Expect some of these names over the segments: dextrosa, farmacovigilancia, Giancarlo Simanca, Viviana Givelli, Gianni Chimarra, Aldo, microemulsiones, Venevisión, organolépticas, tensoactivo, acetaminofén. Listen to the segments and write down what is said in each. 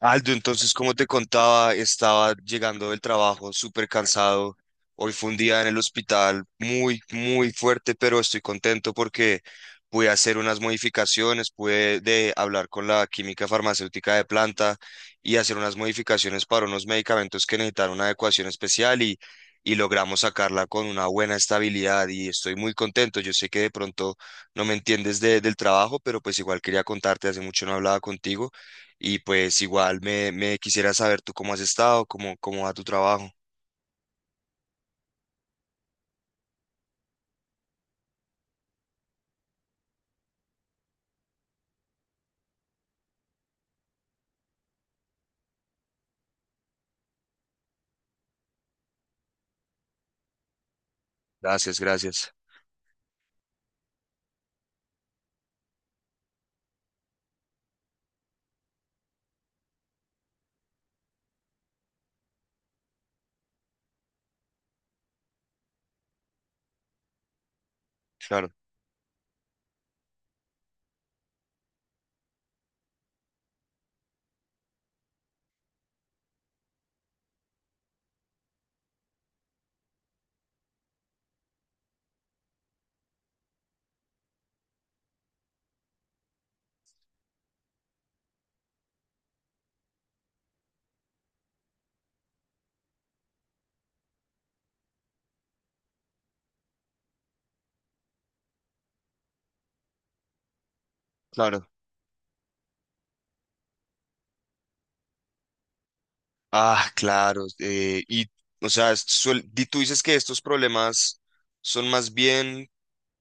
Aldo, entonces, como te contaba, estaba llegando del trabajo súper cansado. Hoy fue un día en el hospital muy fuerte, pero estoy contento porque pude hacer unas modificaciones, pude de hablar con la química farmacéutica de planta y hacer unas modificaciones para unos medicamentos que necesitan una adecuación especial y logramos sacarla con una buena estabilidad y estoy muy contento. Yo sé que de pronto no me entiendes del trabajo, pero pues igual quería contarte, hace mucho no hablaba contigo y pues igual me quisiera saber tú cómo has estado, cómo va tu trabajo. Gracias, gracias. Claro, claro. Ah, claro. O sea, tú dices que estos problemas son más bien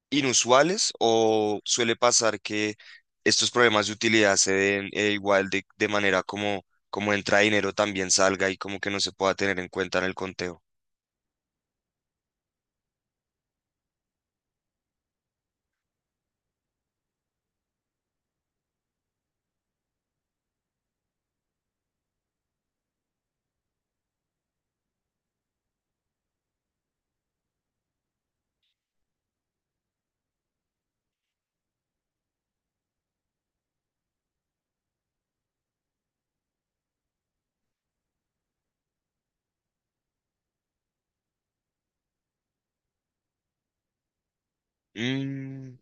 inusuales o suele pasar que estos problemas de utilidad se den, igual de manera como, como entra dinero también salga y como que no se pueda tener en cuenta en el conteo. Mm.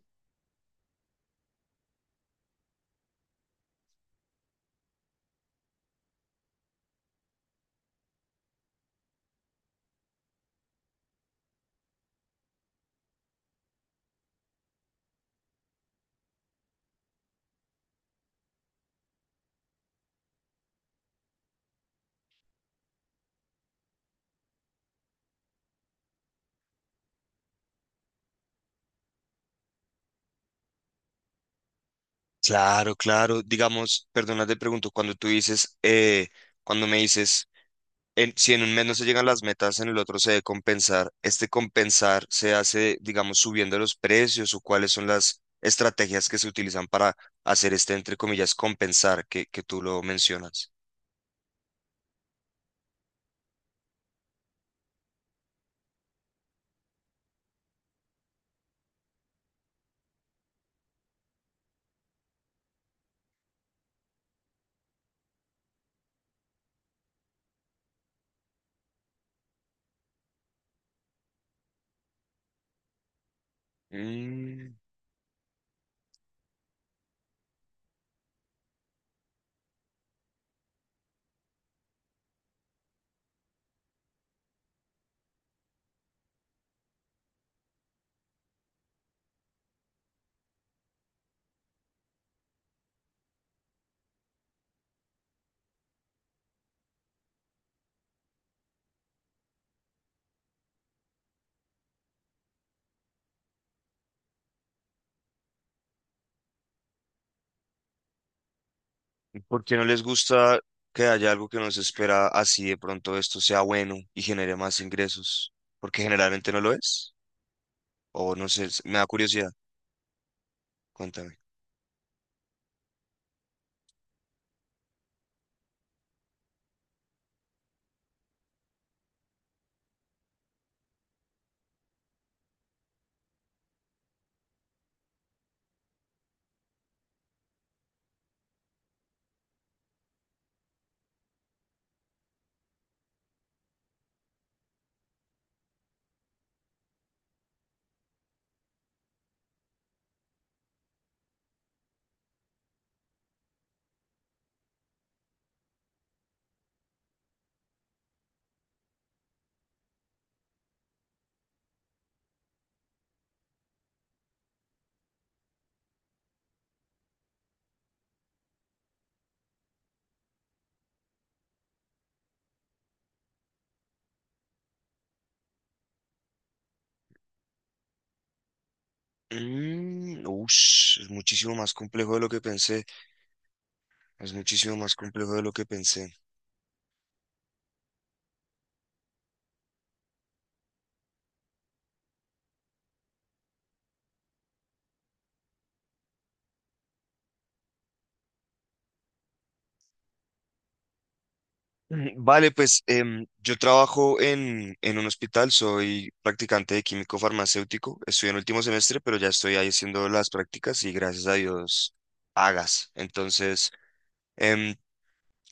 Claro, claro. Digamos, perdona, te pregunto, cuando me dices, si en un mes no se llegan las metas, en el otro se debe compensar. ¿Este compensar se hace, digamos, subiendo los precios o cuáles son las estrategias que se utilizan para hacer este, entre comillas, compensar que tú lo mencionas? Mm. ¿Por qué no les gusta que haya algo que no se espera así de pronto esto sea bueno y genere más ingresos? Porque generalmente no lo es. O no sé, me da curiosidad. Cuéntame. Mm, ush, es muchísimo más complejo de lo que pensé. Es muchísimo más complejo de lo que pensé. Mm. Vale, pues yo trabajo en un hospital, soy practicante de químico farmacéutico. Estoy en último semestre, pero ya estoy ahí haciendo las prácticas y gracias a Dios pagas. Em,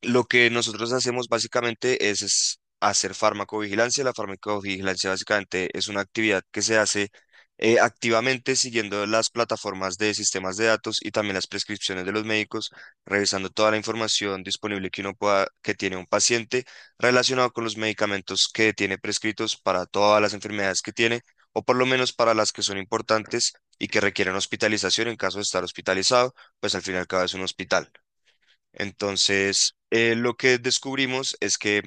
Lo que nosotros hacemos básicamente es hacer farmacovigilancia. La farmacovigilancia básicamente es una actividad que se hace, activamente, siguiendo las plataformas de sistemas de datos y también las prescripciones de los médicos, revisando toda la información disponible que uno pueda, que tiene un paciente relacionado con los medicamentos que tiene prescritos para todas las enfermedades que tiene, o por lo menos para las que son importantes y que requieren hospitalización en caso de estar hospitalizado, pues al fin y al cabo es un hospital. Entonces, lo que descubrimos es que,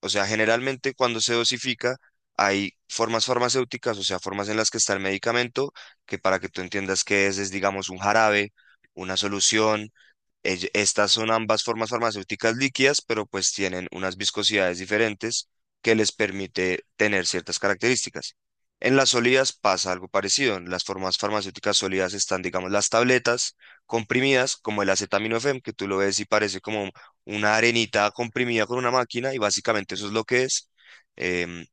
o sea, generalmente cuando se dosifica hay formas farmacéuticas, o sea, formas en las que está el medicamento, que para que tú entiendas qué es digamos un jarabe, una solución. Estas son ambas formas farmacéuticas líquidas, pero pues tienen unas viscosidades diferentes que les permite tener ciertas características. En las sólidas pasa algo parecido. En las formas farmacéuticas sólidas están, digamos, las tabletas comprimidas, como el acetaminofén, que tú lo ves y parece como una arenita comprimida con una máquina, y básicamente eso es lo que es. em,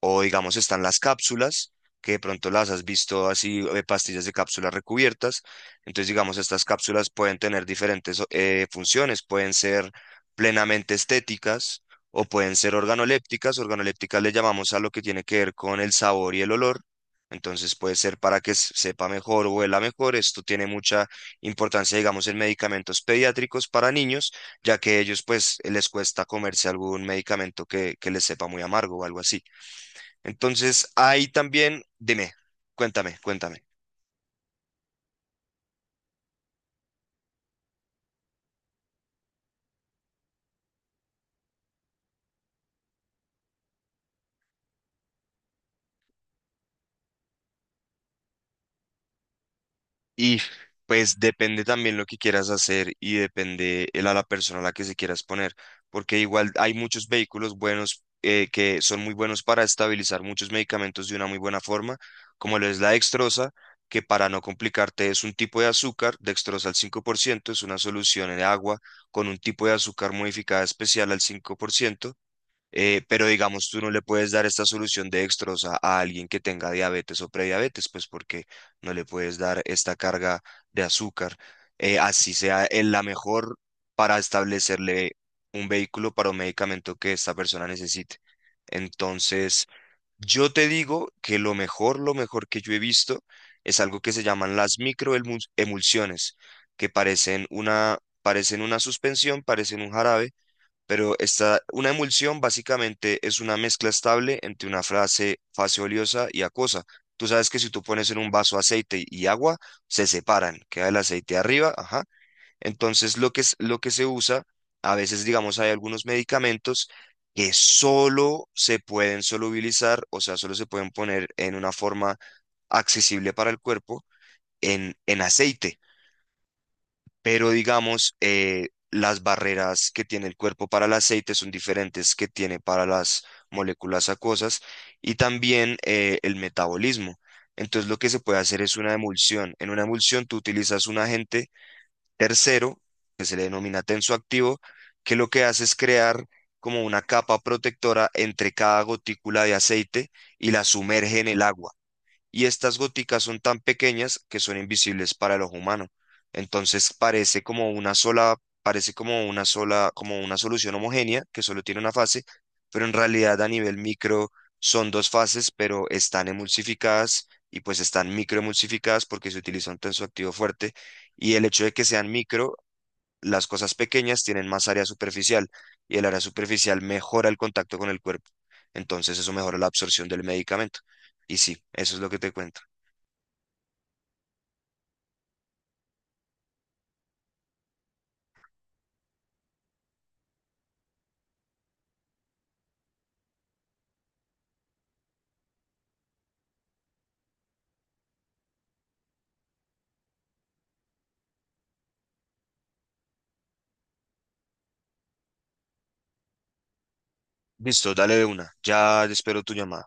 o digamos están las cápsulas, que de pronto las has visto así, pastillas de cápsulas recubiertas. Entonces, digamos, estas cápsulas pueden tener diferentes funciones, pueden ser plenamente estéticas o pueden ser organolépticas. Organolépticas le llamamos a lo que tiene que ver con el sabor y el olor. Entonces puede ser para que sepa mejor o huela mejor. Esto tiene mucha importancia, digamos, en medicamentos pediátricos para niños, ya que ellos pues les cuesta comerse algún medicamento que les sepa muy amargo o algo así. Entonces, ahí también, dime, cuéntame, cuéntame. Y pues depende también lo que quieras hacer y depende el a la persona a la que se quieras poner, porque igual hay muchos vehículos buenos, que son muy buenos para estabilizar muchos medicamentos de una muy buena forma, como lo es la dextrosa, que para no complicarte es un tipo de azúcar, dextrosa al 5%, es una solución en agua con un tipo de azúcar modificada especial al 5%. Pero digamos, tú no le puedes dar esta solución de dextrosa a alguien que tenga diabetes o prediabetes, pues porque no le puedes dar esta carga de azúcar, así sea la mejor para establecerle un vehículo para un medicamento que esta persona necesite. Entonces, yo te digo que lo mejor que yo he visto es algo que se llaman las microemulsiones, que parecen una suspensión, parecen un jarabe, pero esta una emulsión básicamente es una mezcla estable entre una fase oleosa y acuosa. Tú sabes que si tú pones en un vaso aceite y agua, se separan, queda el aceite arriba, ajá. Entonces lo que, lo que se usa, a veces digamos hay algunos medicamentos que solo se pueden solubilizar, o sea, solo se pueden poner en una forma accesible para el cuerpo en aceite, pero digamos, las barreras que tiene el cuerpo para el aceite son diferentes que tiene para las moléculas acuosas y también, el metabolismo. Entonces lo que se puede hacer es una emulsión. En una emulsión tú utilizas un agente tercero, que se le denomina tensoactivo, que lo que hace es crear como una capa protectora entre cada gotícula de aceite y la sumerge en el agua, y estas goticas son tan pequeñas que son invisibles para el ojo humano. Entonces parece como una sola, parece como una sola, como una solución homogénea que solo tiene una fase, pero en realidad a nivel micro son dos fases, pero están emulsificadas y pues están microemulsificadas porque se utiliza un tensoactivo fuerte, y el hecho de que sean micro, las cosas pequeñas tienen más área superficial y el área superficial mejora el contacto con el cuerpo. Entonces eso mejora la absorción del medicamento. Y sí, eso es lo que te cuento. Listo, dale de una. Ya espero tu llamada.